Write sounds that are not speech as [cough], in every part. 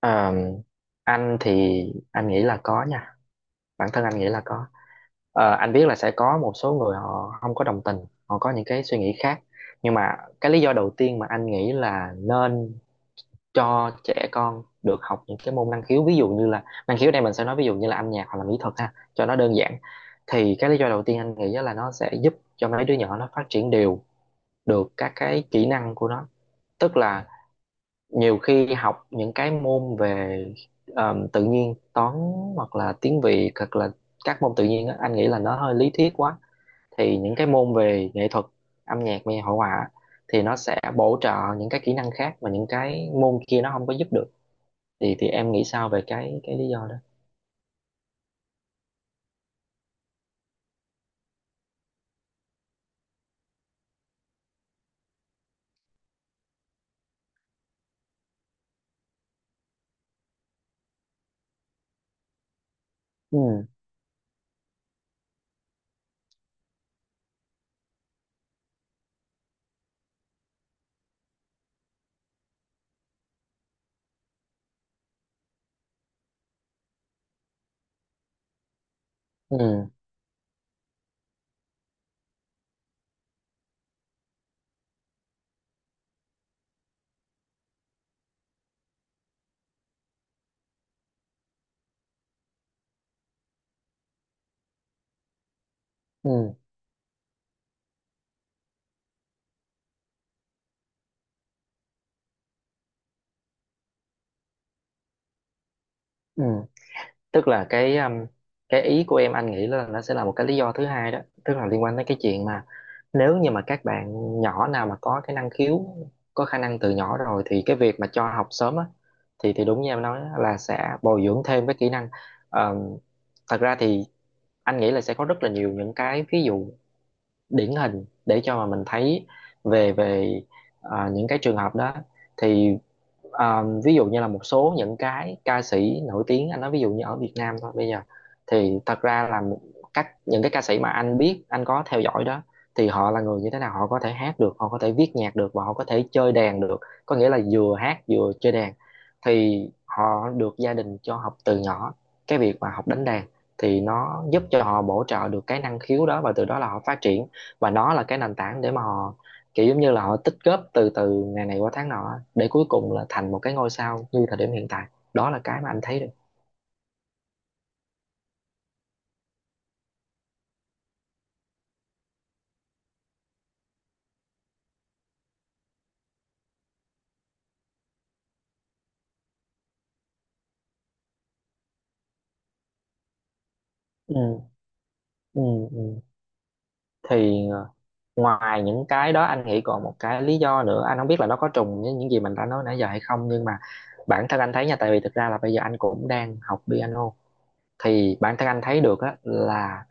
Ờ, anh thì anh nghĩ là có nha, bản thân anh nghĩ là có. Ờ, anh biết là sẽ có một số người họ không có đồng tình, họ có những cái suy nghĩ khác, nhưng mà cái lý do đầu tiên mà anh nghĩ là nên cho trẻ con được học những cái môn năng khiếu, ví dụ như là năng khiếu đây mình sẽ nói ví dụ như là âm nhạc hoặc là mỹ thuật ha, cho nó đơn giản. Thì cái lý do đầu tiên anh nghĩ là nó sẽ giúp cho mấy đứa nhỏ nó phát triển đều được các cái kỹ năng của nó. Tức là nhiều khi học những cái môn về tự nhiên toán hoặc là tiếng Việt hoặc là các môn tự nhiên á, anh nghĩ là nó hơi lý thuyết quá. Thì những cái môn về nghệ thuật, âm nhạc và hội họa thì nó sẽ bổ trợ những cái kỹ năng khác mà những cái môn kia nó không có giúp được. Thì em nghĩ sao về cái lý do đó? Ừ. Ừ. Ừ. Ừ, tức là cái ý của em anh nghĩ là nó sẽ là một cái lý do thứ hai đó. Tức là liên quan tới cái chuyện mà nếu như mà các bạn nhỏ nào mà có cái năng khiếu, có khả năng từ nhỏ rồi thì cái việc mà cho học sớm á, thì đúng như em nói á, là sẽ bồi dưỡng thêm cái kỹ năng. Ờ, thật ra thì anh nghĩ là sẽ có rất là nhiều những cái ví dụ điển hình để cho mà mình thấy về về à, những cái trường hợp đó. Thì à, ví dụ như là một số những cái ca sĩ nổi tiếng, anh nói ví dụ như ở Việt Nam thôi bây giờ, thì thật ra là những cái ca sĩ mà anh biết anh có theo dõi đó, thì họ là người như thế nào, họ có thể hát được, họ có thể viết nhạc được và họ có thể chơi đàn được, có nghĩa là vừa hát vừa chơi đàn. Thì họ được gia đình cho học từ nhỏ cái việc mà học đánh đàn, thì nó giúp cho họ bổ trợ được cái năng khiếu đó và từ đó là họ phát triển, và nó là cái nền tảng để mà họ kiểu giống như là họ tích góp từ từ ngày này qua tháng nọ để cuối cùng là thành một cái ngôi sao như thời điểm hiện tại. Đó là cái mà anh thấy được. Ừ. Ừ. Ừ. Thì ờ, ngoài những cái đó anh nghĩ còn một cái lý do nữa, anh không biết là nó có trùng với những gì mình đã nói nãy giờ hay không, nhưng mà bản thân anh thấy nha, tại vì thực ra là bây giờ anh cũng đang học piano, thì bản thân anh thấy được á, là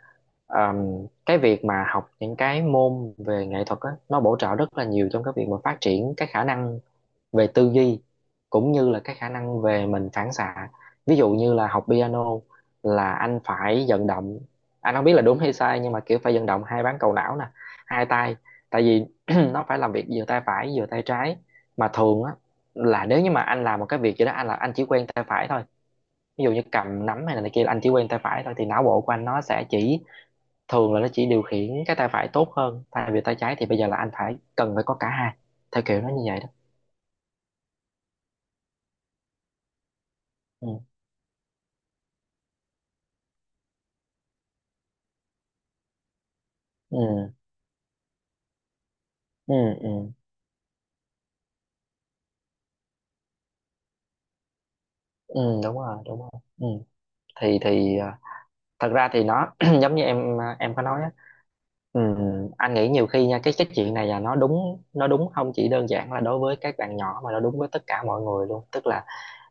cái việc mà học những cái môn về nghệ thuật á, nó bổ trợ rất là nhiều trong cái việc mà phát triển cái khả năng về tư duy cũng như là cái khả năng về mình phản xạ. Ví dụ như là học piano là anh phải vận động, anh không biết là đúng hay sai nhưng mà kiểu phải vận động hai bán cầu não nè, hai tay, tại vì [clears throat] [laughs] nó phải làm việc vừa tay phải vừa tay trái. Mà thường á là nếu như mà anh làm một cái việc gì đó, anh là anh chỉ quen tay phải thôi, ví dụ như cầm nắm hay là này kia là anh chỉ quen tay phải thôi, thì não bộ của anh nó sẽ chỉ thường là nó chỉ điều khiển cái tay phải tốt hơn thay vì tay trái, thì bây giờ là anh phải cần phải có cả hai. Theo kiểu nó như vậy đó. Ừ. Ừ. Ừ. Ừ. Ừ đúng rồi, đúng rồi. Ừ. thì à, thật ra thì nó [clears throat] giống như em à, em có nói á, ừ, anh nghĩ nhiều khi nha cái chuyện này là nó đúng không chỉ đơn giản là đối với các bạn nhỏ mà nó đúng với tất cả mọi người luôn. Tức là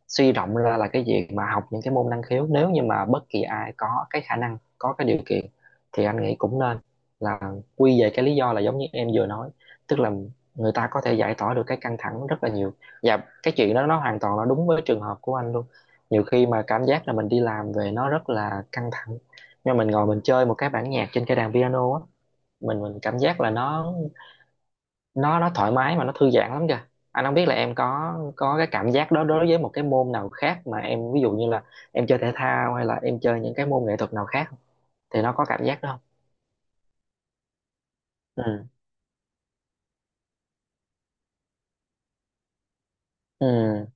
suy rộng ra là cái việc mà học những cái môn năng khiếu, nếu như mà bất kỳ ai có cái khả năng, có cái điều kiện thì anh nghĩ cũng nên, là quy về cái lý do là giống như em vừa nói. Tức là người ta có thể giải tỏa được cái căng thẳng rất là nhiều, và cái chuyện đó nó hoàn toàn là đúng với trường hợp của anh luôn. Nhiều khi mà cảm giác là mình đi làm về nó rất là căng thẳng nhưng mà mình ngồi mình chơi một cái bản nhạc trên cái đàn piano á, mình cảm giác là nó thoải mái mà nó thư giãn lắm kìa. Anh không biết là em có cái cảm giác đó đối với một cái môn nào khác mà em, ví dụ như là em chơi thể thao hay là em chơi những cái môn nghệ thuật nào khác không? Thì nó có cảm giác đó không? Ừ. Ừ.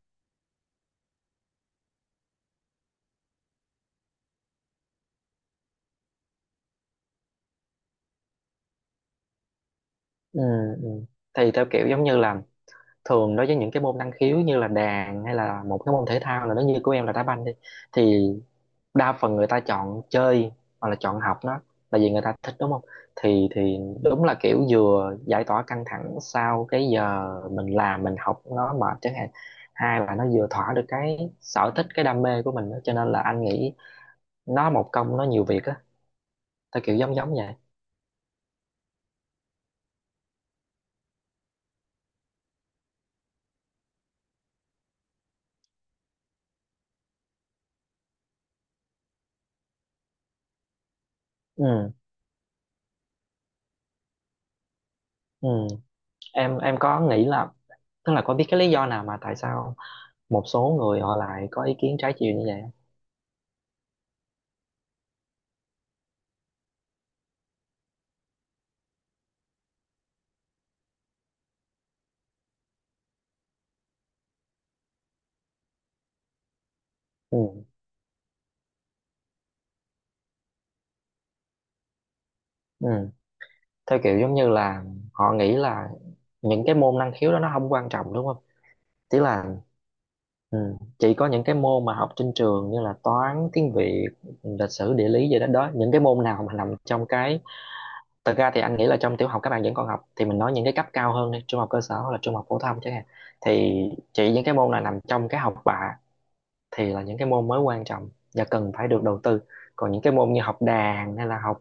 Ừ. Ừ. Thì theo kiểu giống như là thường đối với những cái môn năng khiếu như là đàn hay là một cái môn thể thao là nó như của em là đá banh đi, thì đa phần người ta chọn chơi hoặc là chọn học nó là vì người ta thích, đúng không? Thì đúng là kiểu vừa giải tỏa căng thẳng sau cái giờ mình làm mình học nó mệt chẳng hạn, hai là nó vừa thỏa được cái sở thích, cái đam mê của mình đó. Cho nên là anh nghĩ nó một công nó nhiều việc á, theo kiểu giống giống vậy. Ừ. Ừ. Em có nghĩ là, tức là có biết cái lý do nào mà tại sao một số người họ lại có ý kiến trái chiều như vậy không? Ừ. Ừ, theo kiểu giống như là họ nghĩ là những cái môn năng khiếu đó nó không quan trọng, đúng không? Tức là, ừ, chỉ có những cái môn mà học trên trường như là toán, tiếng Việt, lịch sử, địa lý gì đó đó, những cái môn nào mà nằm trong cái, thật ra thì anh nghĩ là trong tiểu học các bạn vẫn còn học thì mình nói những cái cấp cao hơn đi, trung học cơ sở hoặc là trung học phổ thông chẳng hạn, thì chỉ những cái môn nào nằm trong cái học bạ thì là những cái môn mới quan trọng và cần phải được đầu tư. Còn những cái môn như học đàn hay là học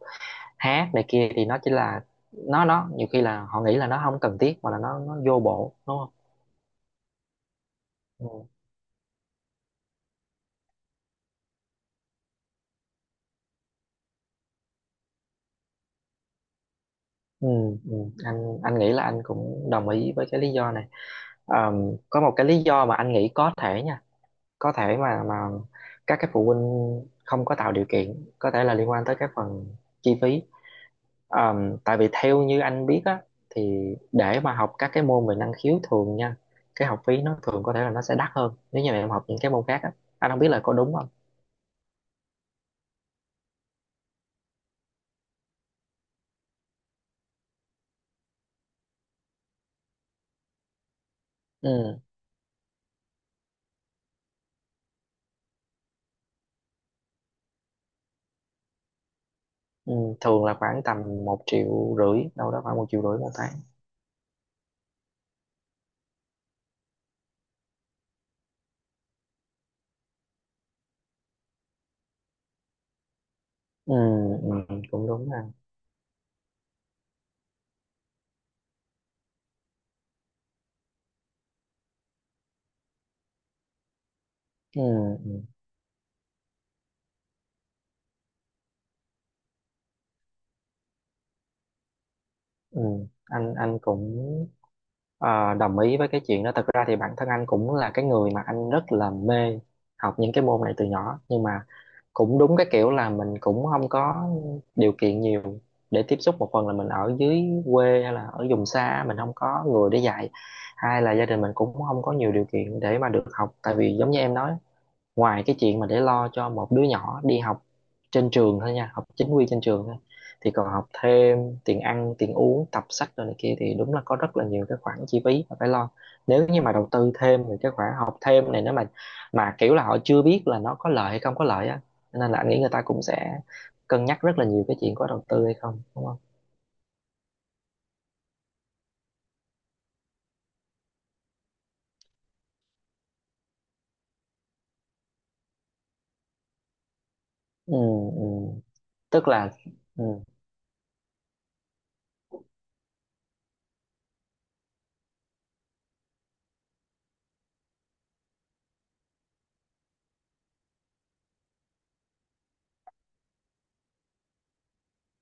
hát này kia thì nó chỉ là, nó nhiều khi là họ nghĩ là nó không cần thiết mà là nó vô bổ, đúng không? Ừ. Ừ. Ừ. anh nghĩ là anh cũng đồng ý với cái lý do này. Có một cái lý do mà anh nghĩ có thể nha, có thể mà các cái phụ huynh không có tạo điều kiện, có thể là liên quan tới cái phần chi phí. Tại vì theo như anh biết á, thì để mà học các cái môn về năng khiếu thường nha, cái học phí nó thường có thể là nó sẽ đắt hơn nếu như mà em học những cái môn khác á. Anh không biết là có đúng không. Ừ. Ừ, thường là khoảng tầm một triệu rưỡi đâu đó, khoảng một triệu rưỡi một tháng. Ừ. Ừ. Ừ, cũng đúng ha. Ừ. Ừ. Ừ. anh cũng ờ, đồng ý với cái chuyện đó. Thật ra thì bản thân anh cũng là cái người mà anh rất là mê học những cái môn này từ nhỏ nhưng mà cũng đúng cái kiểu là mình cũng không có điều kiện nhiều để tiếp xúc, một phần là mình ở dưới quê hay là ở vùng xa mình không có người để dạy, hai là gia đình mình cũng không có nhiều điều kiện để mà được học. Tại vì giống như em nói, ngoài cái chuyện mà để lo cho một đứa nhỏ đi học trên trường thôi nha, học chính quy trên trường thôi, thì còn học thêm, tiền ăn, tiền uống, tập sách rồi này kia, thì đúng là có rất là nhiều cái khoản chi phí mà phải lo. Nếu như mà đầu tư thêm thì cái khoản học thêm này, nếu mà kiểu là họ chưa biết là nó có lợi hay không có lợi á, nên là anh nghĩ người ta cũng sẽ cân nhắc rất là nhiều cái chuyện có đầu tư hay không, đúng không? Ừ. Ừ. Tức là, ừ.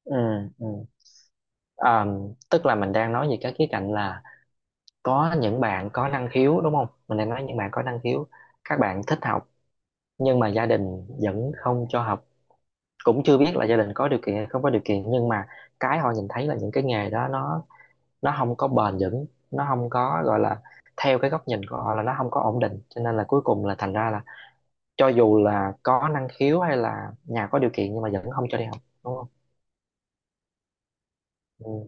Ừ. Ừ. À, tức là mình đang nói về cái khía cạnh là có những bạn có năng khiếu, đúng không, mình đang nói những bạn có năng khiếu, các bạn thích học nhưng mà gia đình vẫn không cho học. Cũng chưa biết là gia đình có điều kiện hay không có điều kiện, nhưng mà cái họ nhìn thấy là những cái nghề đó nó không có bền vững, nó không có gọi là, theo cái góc nhìn của họ là nó không có ổn định, cho nên là cuối cùng là thành ra là cho dù là có năng khiếu hay là nhà có điều kiện nhưng mà vẫn không cho đi học, đúng không? Ừ.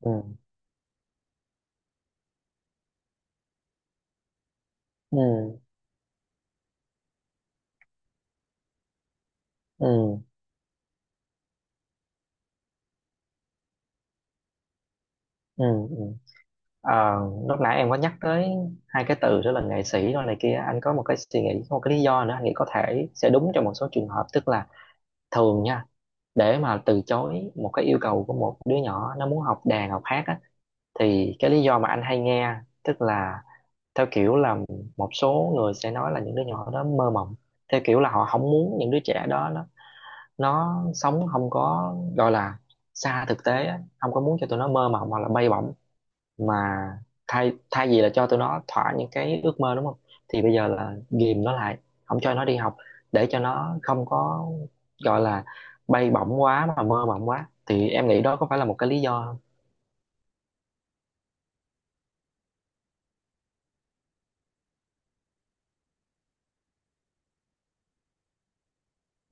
Ừ. Ừ. Ừ. Ừ. Ừ. Ờ, lúc nãy em có nhắc tới hai cái từ đó là nghệ sĩ rồi này kia, anh có một cái suy nghĩ, có một cái lý do nữa anh nghĩ có thể sẽ đúng trong một số trường hợp. Tức là thường nha, để mà từ chối một cái yêu cầu của một đứa nhỏ nó muốn học đàn học hát á, thì cái lý do mà anh hay nghe, tức là theo kiểu là, một số người sẽ nói là những đứa nhỏ đó mơ mộng, theo kiểu là họ không muốn những đứa trẻ đó nó sống không có gọi là xa thực tế á, không có muốn cho tụi nó mơ mộng hoặc là bay bổng, mà thay thay vì là cho tụi nó thỏa những cái ước mơ, đúng không, thì bây giờ là ghìm nó lại, không cho nó đi học, để cho nó không có gọi là bay bổng quá mà mơ mộng quá. Thì em nghĩ đó có phải là một cái lý do không?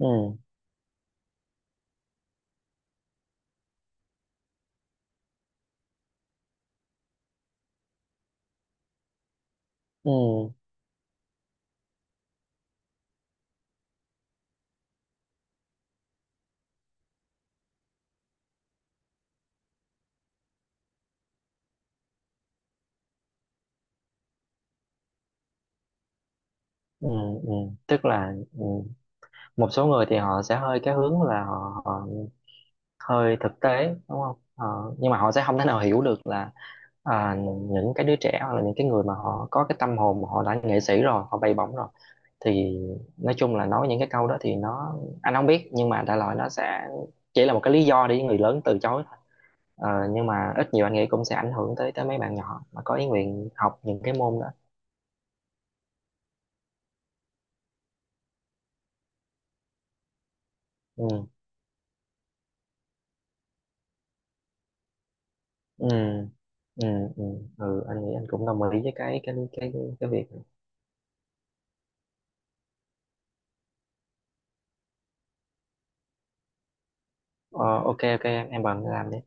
Ừ. Ừ. Ừ. Ừ. Tức là, ừ. Một số người thì họ sẽ hơi cái hướng là họ hơi thực tế, đúng không? Họ- nhưng mà họ sẽ không thể nào hiểu được là à, những cái đứa trẻ hoặc là những cái người mà họ có cái tâm hồn, mà họ đã nghệ sĩ rồi, họ bay bổng rồi, thì nói chung là nói những cái câu đó thì nó, anh không biết, nhưng mà đại loại nó sẽ chỉ là một cái lý do để người lớn từ chối thôi. Ờ, nhưng mà ít nhiều anh nghĩ cũng sẽ ảnh hưởng tới tới mấy bạn nhỏ mà có ý nguyện học những cái môn đó. Ừ. Ừ. Ừ. Ừ. Ừ anh nghĩ anh cũng đồng ý với cái cái việc. Ờ, ok, ok em bận làm đi.